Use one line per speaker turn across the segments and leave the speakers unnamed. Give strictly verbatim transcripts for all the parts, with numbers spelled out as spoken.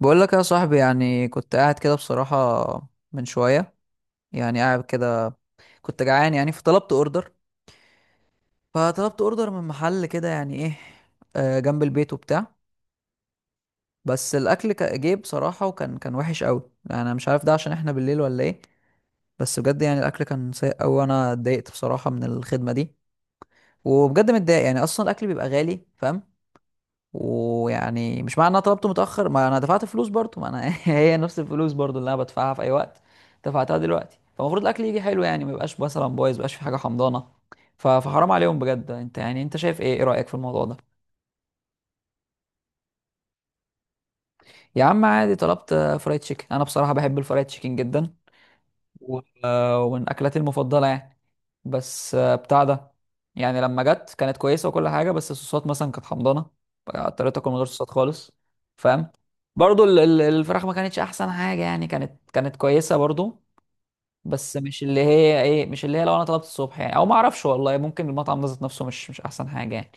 بقول لك يا صاحبي يعني كنت قاعد كده بصراحة من شوية يعني قاعد كده كنت جعان يعني فطلبت اوردر فطلبت اوردر من محل كده يعني ايه آه، جنب البيت وبتاع. بس الاكل كا- جه بصراحة وكان كان وحش قوي، انا مش عارف ده عشان احنا بالليل ولا ايه. بس بجد يعني الاكل كان سيء قوي وانا اتضايقت بصراحة من الخدمة دي، وبجد متضايق يعني اصلا الاكل بيبقى غالي، فاهم؟ ويعني مش معنى ان انا طلبته متاخر ما انا دفعت فلوس برضه ما انا هي نفس الفلوس برضه اللي انا بدفعها في اي وقت دفعتها دلوقتي، فالمفروض الاكل يجي حلو يعني ما يبقاش مثلا بايظ، ما يبقاش في حاجه حمضانه. ف- فحرام عليهم بجد. انت يعني انت شايف ايه، ايه رايك في الموضوع ده؟ يا عم عادي طلبت فرايد تشيكن، انا بصراحه بحب الفرايد تشيكن جدا و- آه، ومن اكلاتي المفضله يعني. بس آه، بتاع ده يعني لما جت كانت كويسه وكل حاجه، بس الصوصات مثلا كانت حمضانه، اضطريت اكل من غير صوصات خالص، فاهم. برضو ال- ال- الفراخ ما كانتش احسن حاجه يعني، كانت كانت كويسه برضو، بس مش اللي هي ايه، مش اللي هي لو انا طلبت الصبح يعني، او ما اعرفش والله ممكن المطعم ده ذات نفسه مش مش احسن حاجه يعني.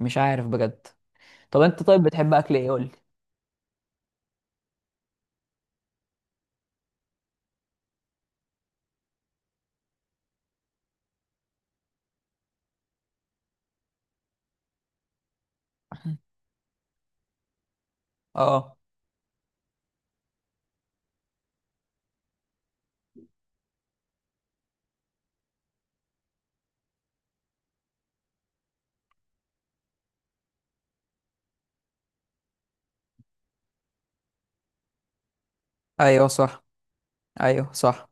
مش عارف بجد. طب انت طيب بتحب اكل ايه؟ قول لي. اه، ايوه صح، ايوه صح.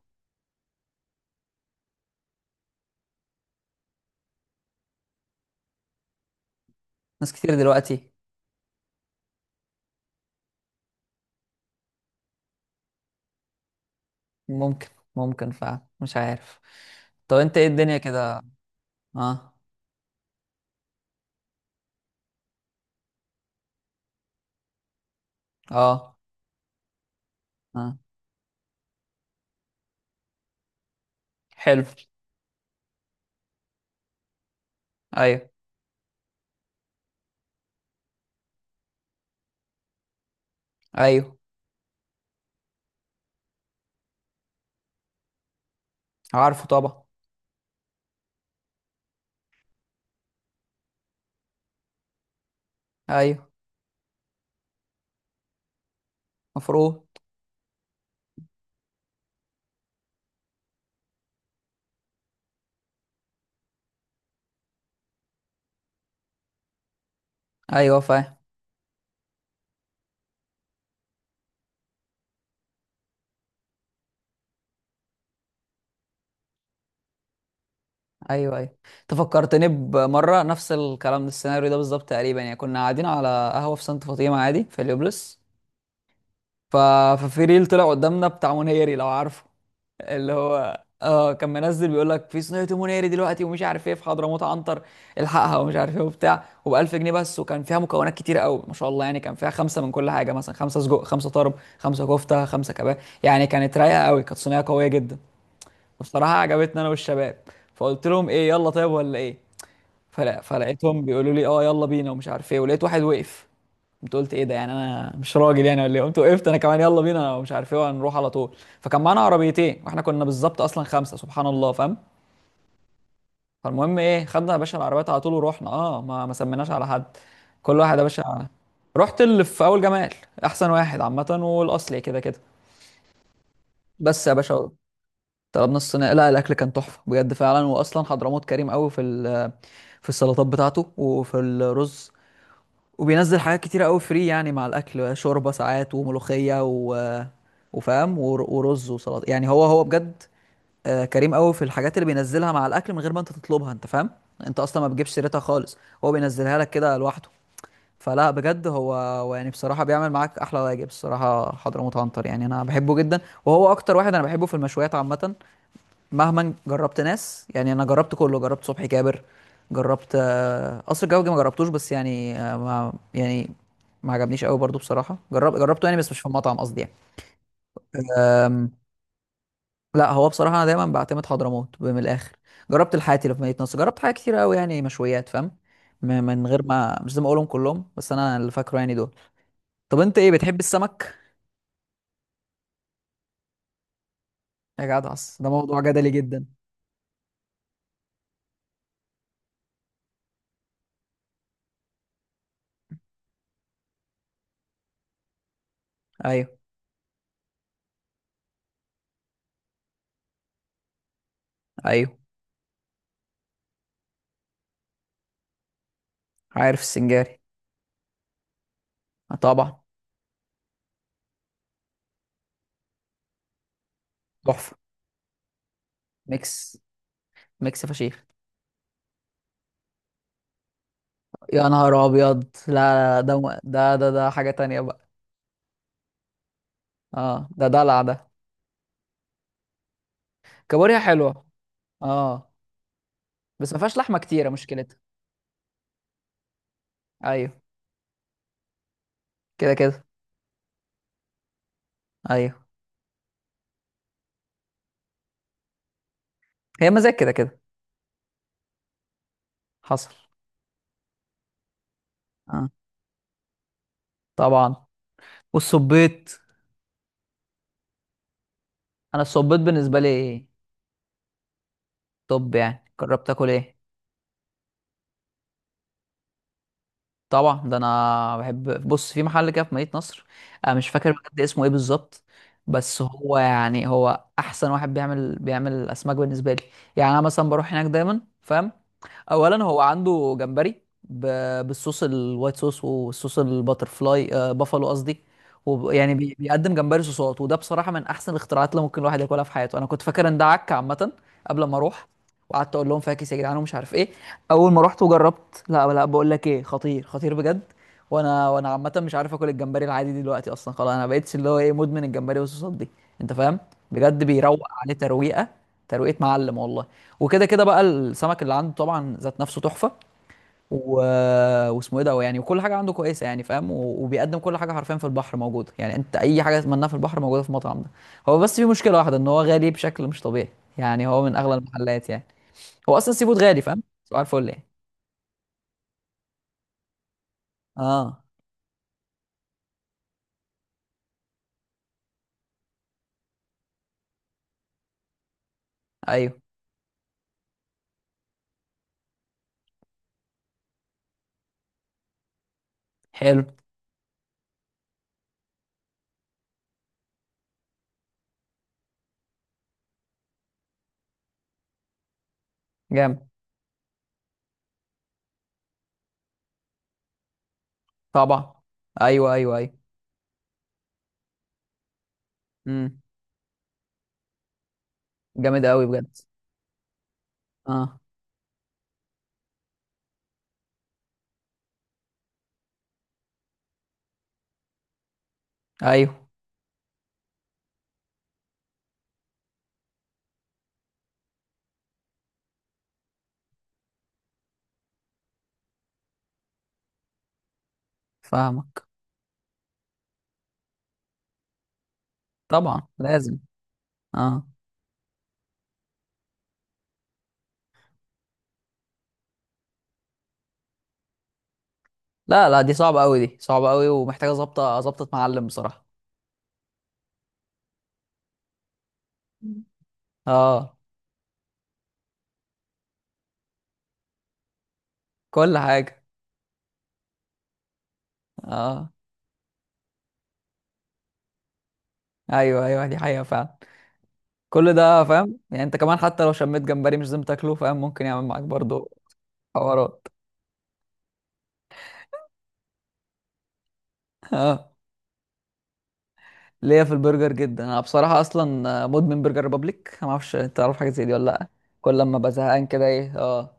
ناس كتير دلوقتي؟ ممكن. ممكن فعلا، مش عارف. طب انت ايه الدنيا كده؟ اه. اه. اه. حلو. ايوه. ايوه. عارفه طبعا. ايوه. مفروض. ايوه فاهم. ايوه ايوه، انت فكرتني بمره نفس الكلام ده، السيناريو ده بالظبط تقريبا. يعني كنا قاعدين على قهوه في سانت فاطمه عادي في اليوبلس. ف... ففي ريل طلع قدامنا بتاع منيري، لو عارفه، اللي هو اه كان منزل بيقول لك في صينيه مناري دلوقتي ومش عارف ايه في حضرموت عنتر، الحقها ومش عارف ايه وبتاع وب ألف جنيه بس، وكان فيها مكونات كتير قوي ما شاء الله يعني، كان فيها خمسه من كل حاجه، مثلا خمسه سجق، خمسه طرب، خمسه كفته، خمسه كباب، يعني كانت رايقه قوي، كانت صينيه قويه جدا. وبصراحه عجبتني انا والشباب، فقلت لهم ايه، يلا طيب ولا ايه؟ فلا فلقيتهم بيقولوا لي اه يلا بينا ومش عارف ايه، ولقيت واحد وقف. قمت قلت ايه ده يعني، انا مش راجل يعني ولا ايه؟ قمت وقفت انا كمان، يلا بينا ومش عارف ايه، وهنروح على طول. فكان معانا عربيتين واحنا كنا بالظبط اصلا خمسه سبحان الله، فاهم. فالمهم ايه، خدنا يا باشا العربيات على طول ورحنا، اه ما ما سميناش على حد، كل واحد يا باشا رحت اللي في اول جمال، احسن واحد عامه والاصلي كده كده. بس يا باشا طلبنا الصينيه، لا الاكل كان تحفه بجد فعلا. واصلا حضرموت كريم قوي في ال- في السلطات بتاعته وفي الرز، وبينزل حاجات كتيرة قوي فري يعني مع الاكل، شوربه ساعات وملوخيه و... وفاهم ور- ورز وسلطه، يعني هو هو بجد آه، كريم قوي في الحاجات اللي بينزلها مع الاكل من غير ما انت تطلبها، انت فاهم، انت اصلا ما بتجيبش سيرتها خالص، هو بينزلها لك كده لوحده. فلا بجد هو هو يعني بصراحه بيعمل معاك احلى واجب، الصراحه حضرموت عنتر يعني انا بحبه جدا، وهو اكتر واحد انا بحبه في المشويات عامه. مهما جربت ناس يعني، انا جربت كله، جربت صبحي كابر، جربت آه، قصر الكبابجي ما جربتوش بس يعني، آه، ما يعني ما عجبنيش قوي برضو بصراحه، جرب جربته يعني بس مش في مطعم قصدي يعني. آم، لا هو بصراحه انا دايما بعتمد حضرموت من الاخر. جربت الحاتي اللي في مدينه نصر، جربت حاجات كتير قوي يعني مشويات، فاهم، م- من غير ما مش لازم اقولهم كلهم، بس انا اللي فاكره يعني دول. طب انت ايه، بتحب السمك؟ يا جدع أص- ده موضوع جدلي جدا. ايوه ايوه، عارف السنجاري. آه، طبعا. تحفه. ميكس. ميكس فشيخ. يا نهار ابيض، لا لا، ده م- ده ده ده حاجة تانية بقى. اه ده دلع ده. كابوريا حلوة. اه، بس ما فيهاش لحمة كتيرة مشكلتها. ايوه. كده كده. ايوه. هي مزاج كده كده. حصل. اه طبعا. والصبيط. انا الصبيط بالنسبة لي ايه. طب يعني جربت اكل ايه؟ طبعا، ده انا بحب. بص في محل كده في مدينة نصر، انا مش فاكر بجد اسمه ايه بالظبط، بس هو يعني هو احسن واحد بيعمل بيعمل اسماك بالنسبه لي. يعني انا مثلا بروح هناك دايما، فاهم. اولا هو عنده جمبري ب... بالصوص، الوايت صوص والصوص الباترفلاي آه بافالو قصدي، وب... يعني بي... بيقدم جمبري صوصات، وده بصراحه من احسن الاختراعات اللي ممكن الواحد ياكلها في حياته. انا كنت فاكر ان ده عك عامه قبل ما اروح، وقعدت اقول لهم فاكس يا جدعان ومش عارف ايه. اول ما رحت وجربت، لا لا، بقول لك ايه، خطير خطير بجد. وانا وانا عامه مش عارف اكل الجمبري العادي دلوقتي اصلا، خلاص انا بقيتش اللي هو ايه مدمن الجمبري والصوصات دي، انت فاهم. بجد بيروق عليه ترويقه، ترويقه معلم والله. وكده كده بقى السمك اللي عنده طبعا ذات نفسه تحفه، و... واسمه ايه ده يعني، وكل حاجه عنده كويسه يعني، فاهم، و... وبيقدم كل حاجه حرفيا في البحر موجوده، يعني انت اي حاجه تتمناها في البحر موجوده في المطعم ده. هو بس في مشكله واحده، ان هو غالي بشكل مش طبيعي، يعني هو من اغلى المحلات يعني، هو اصلا سي فود غالي فاهم، سؤال الفل يعني. اه. ايوه. حلو. جامد. طبعا. ايوه ايوه ايوه. امم. جامد قوي بجد. اه. ايوه. فاهمك. طبعا لازم. اه. لا لا، دي صعبه قوي، دي صعبه قوي ومحتاجه ظابطه، ظابطه معلم بصراحه. مم. اه. كل حاجه. اه. ايوه ايوه، دي حقيقه فعلا. كل ده فاهم يعني، انت كمان حتى لو شميت جمبري مش لازم تاكله، فاهم، ممكن يعمل معاك برضو حوارات. اه. ليا في البرجر جدا، انا بصراحه اصلا مدمن برجر ريبابليك. ما اعرفش انت تعرف حاجه زي دي ولا لا؟ كل لما بزهقان كده ايه اه.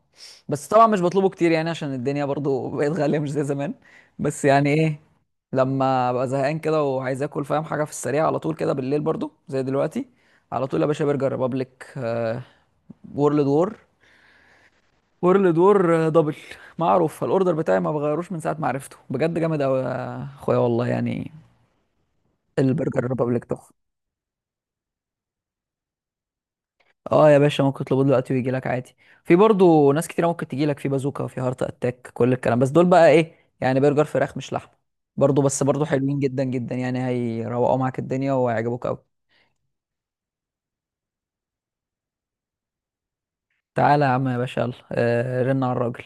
بس طبعا مش بطلبه كتير يعني عشان الدنيا برضو بقت غاليه مش زي زمان. بس يعني ايه، لما ببقى زهقان كده وعايز اكل فاهم حاجه في السريع على طول كده بالليل، برضو زي دلوقتي، على طول يا باشا برجر ريبابليك. آه وورلد وور. وورلد وور آه، دبل. معروف الاوردر بتاعي، ما بغيروش من ساعه ما عرفته، بجد جامد قوي يا اخويا والله يعني، البرجر ريبابليك تحفه. اه يا باشا ممكن تطلبه دلوقتي ويجي لك عادي. في برضه ناس كتيره ممكن تجي لك في بازوكا وفي هارت اتاك كل الكلام، بس دول بقى ايه يعني برجر فراخ مش لحمه برضه، بس برضه حلوين جدا جدا يعني، هيروقوا معاك الدنيا وهيعجبوك قوي. تعالى يا عم يا باشا، يلا آه رن على الراجل.